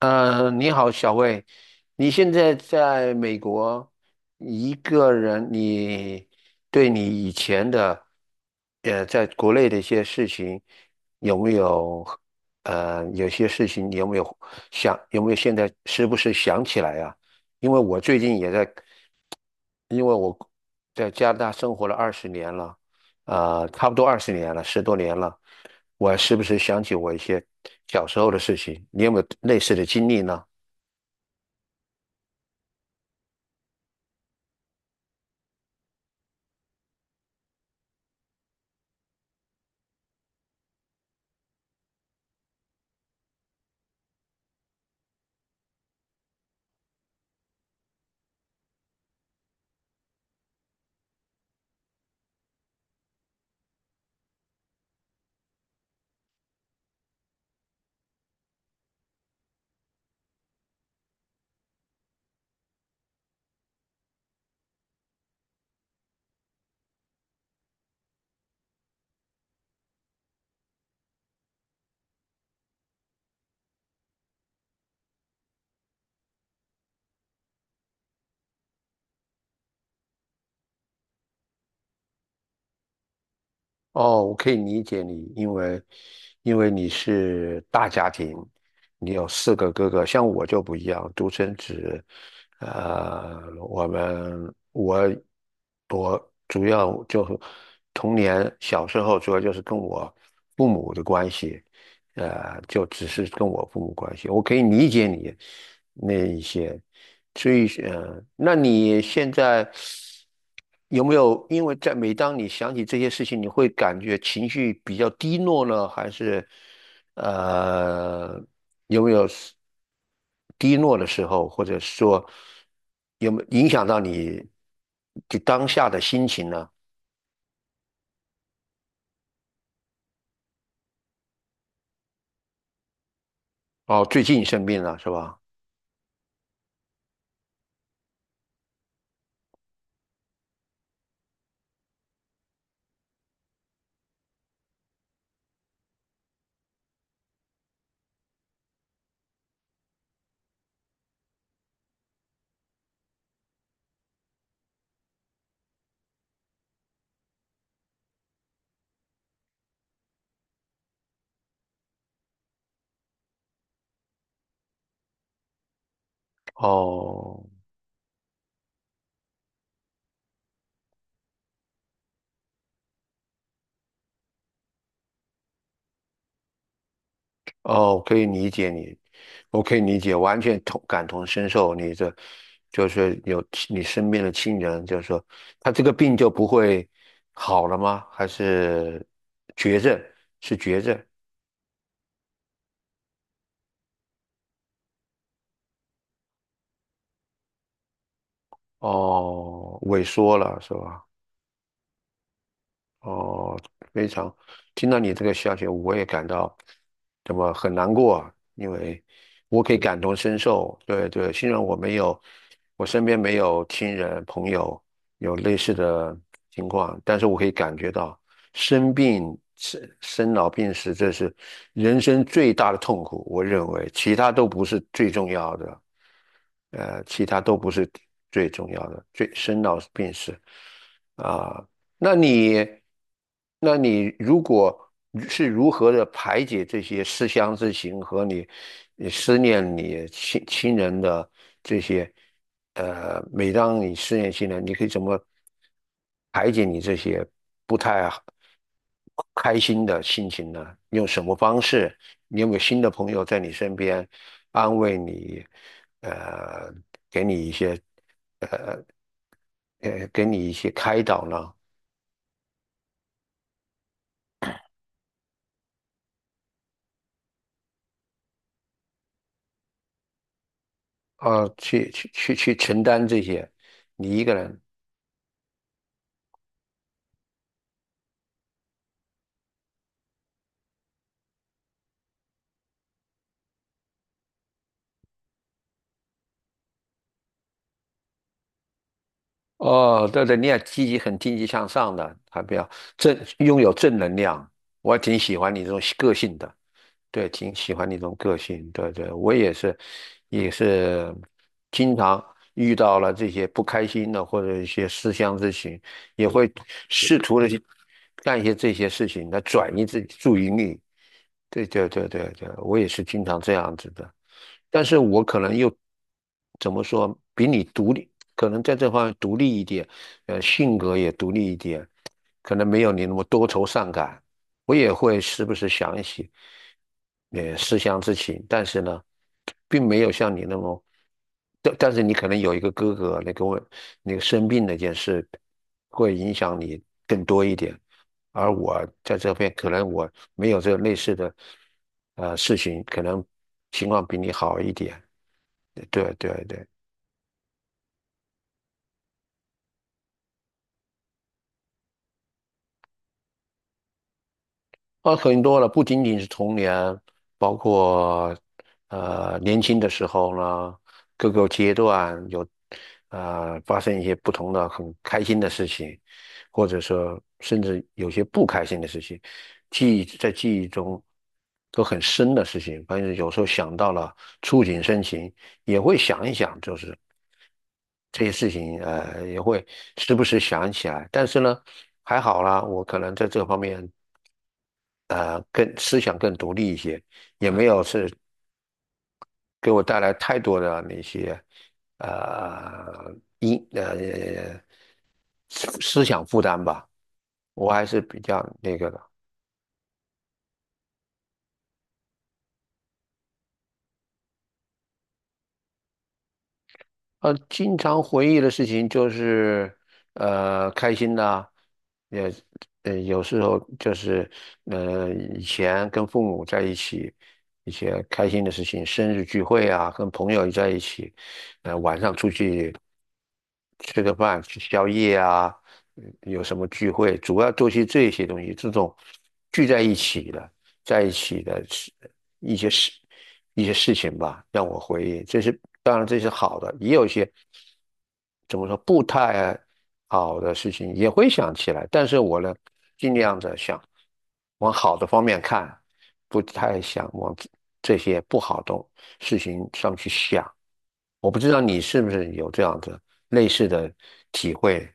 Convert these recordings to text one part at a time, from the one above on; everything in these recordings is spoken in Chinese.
你好，小魏，你现在在美国一个人，你对你以前的，在国内的一些事情，有没有，有些事情你有没有有没有现在时不时想起来呀？因为我最近也在，因为我在加拿大生活了二十年了，差不多二十年了，10多年了，我时不时想起我一些小时候的事情，你有没有类似的经历呢？哦，我可以理解你，因为你是大家庭，你有4个哥哥，像我就不一样，独生子。呃，我们我我主要就是童年小时候主要就是跟我父母的关系，就只是跟我父母关系，我可以理解你那一些，所以那你现在有没有因为在每当你想起这些事情，你会感觉情绪比较低落呢，还是呃有没有是低落的时候，或者说有没有影响到你就当下的心情呢？哦，最近生病了是吧？哦。哦，可以理解你，我可以理解，完全同感同身受。你这就是有你身边的亲人，就是说他这个病就不会好了吗？还是绝症？是绝症？哦，萎缩了是吧？哦，非常，听到你这个消息，我也感到怎么很难过，因为我可以感同身受。对对，虽然我没有，我身边没有亲人朋友有类似的情况，但是我可以感觉到生病、生老病死，这是人生最大的痛苦。我认为其他都不是最重要的，呃，其他都不是最重要的，最生老病死啊。那你，那你如果是如何的排解这些思乡之情和你思念你亲人的这些，每当你思念亲人，你可以怎么排解你这些不太好开心的心情呢？你用什么方式？你有没有新的朋友在你身边安慰你，呃，给你一些，开导呢？啊，去承担这些，你一个人，哦，对对，你要积极、很积极向上的，还比较正，拥有正能量，我还挺喜欢你这种个性的，对，挺喜欢你这种个性，对对，我也是，也是经常遇到了这些不开心的或者一些思乡之情，也会试图的去干一些这些事情来转移自己注意力，对对对对对，我也是经常这样子的，但是我可能又怎么说，比你独立，可能在这方面独立一点，性格也独立一点，可能没有你那么多愁善感。我也会时不时想一些，思乡之情，但是呢，并没有像你那么，但是你可能有一个哥哥，那个问，那个生病那件事，会影响你更多一点。而我在这边可能我没有这个类似的事情，可能情况比你好一点。对对对。啊，很多了，不仅仅是童年，包括年轻的时候呢，各个阶段有发生一些不同的很开心的事情，或者说甚至有些不开心的事情，记忆在记忆中都很深的事情。反正有时候想到了，触景生情，也会想一想，就是这些事情，也会时不时想起来。但是呢，还好啦，我可能在这方面。更思想更独立一些，也没有是给我带来太多的那些呃因呃思思想负担吧，我还是比较那个的。经常回忆的事情就是开心的，也有时候就是以前跟父母在一起。一些开心的事情，生日聚会啊，跟朋友在一起，晚上出去。吃个饭、吃宵夜啊，有什么聚会，主要都是这些东西，这种聚在一起的，在一起的事一些事一些事情吧，让我回忆。这是当然，这是好的，也有一些怎么说不太好的事情也会想起来，但是我呢，尽量的想往好的方面看，不太想往这些不好的事情上去想。我不知道你是不是有这样的类似的体会。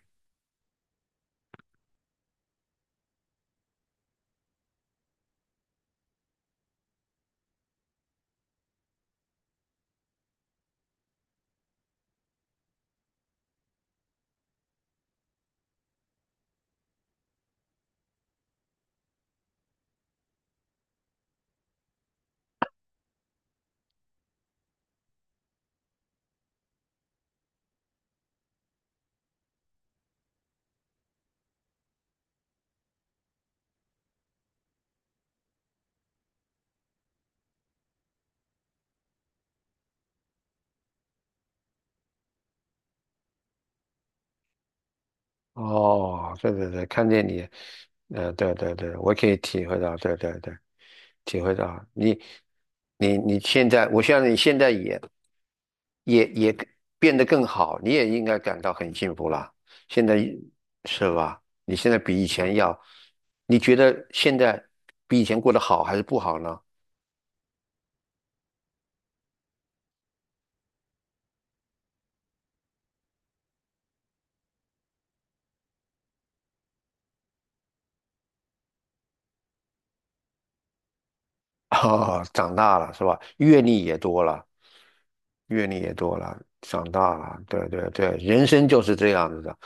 哦，对对对，看见你，对对对，我可以体会到，对对对，体会到你，你现在，我相信你现在也变得更好，你也应该感到很幸福了。现在是吧？你现在比以前要，你觉得现在比以前过得好还是不好呢？啊，长大了是吧？阅历也多了，长大了，对对对，人生就是这样子的，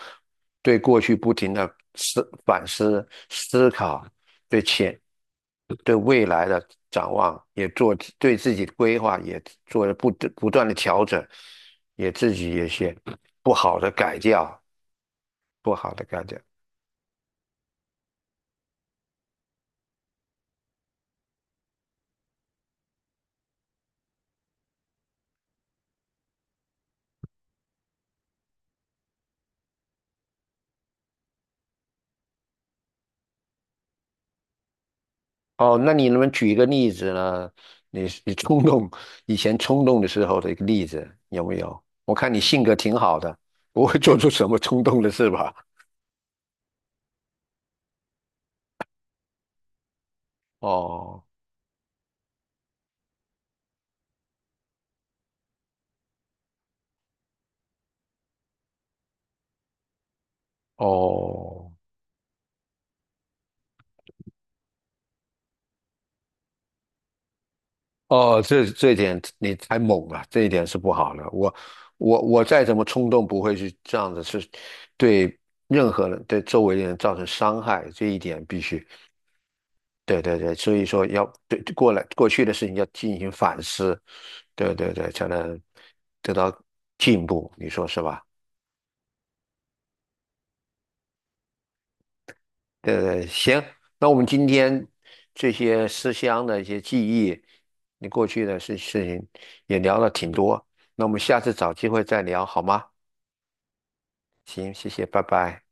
对过去不停的反思、思考，对前、对未来的展望也做，对自己的规划也做了不断的调整，也自己也些不好的改掉，不好的改掉。哦，那你能不能举一个例子呢？你以前冲动的时候的一个例子有没有？我看你性格挺好的，不会做出什么冲动的事吧？哦哦哦，这一点你太猛了，这一点是不好的。我再怎么冲动，不会去这样子，是对任何人对周围的人造成伤害，这一点必须。对对对，所以说要对过去的事情要进行反思，对对对，才能得到进步，你说是吧？对对，行，那我们今天这些思乡的一些记忆，你过去的事情也聊了挺多，那我们下次找机会再聊好吗？行，谢谢，拜拜。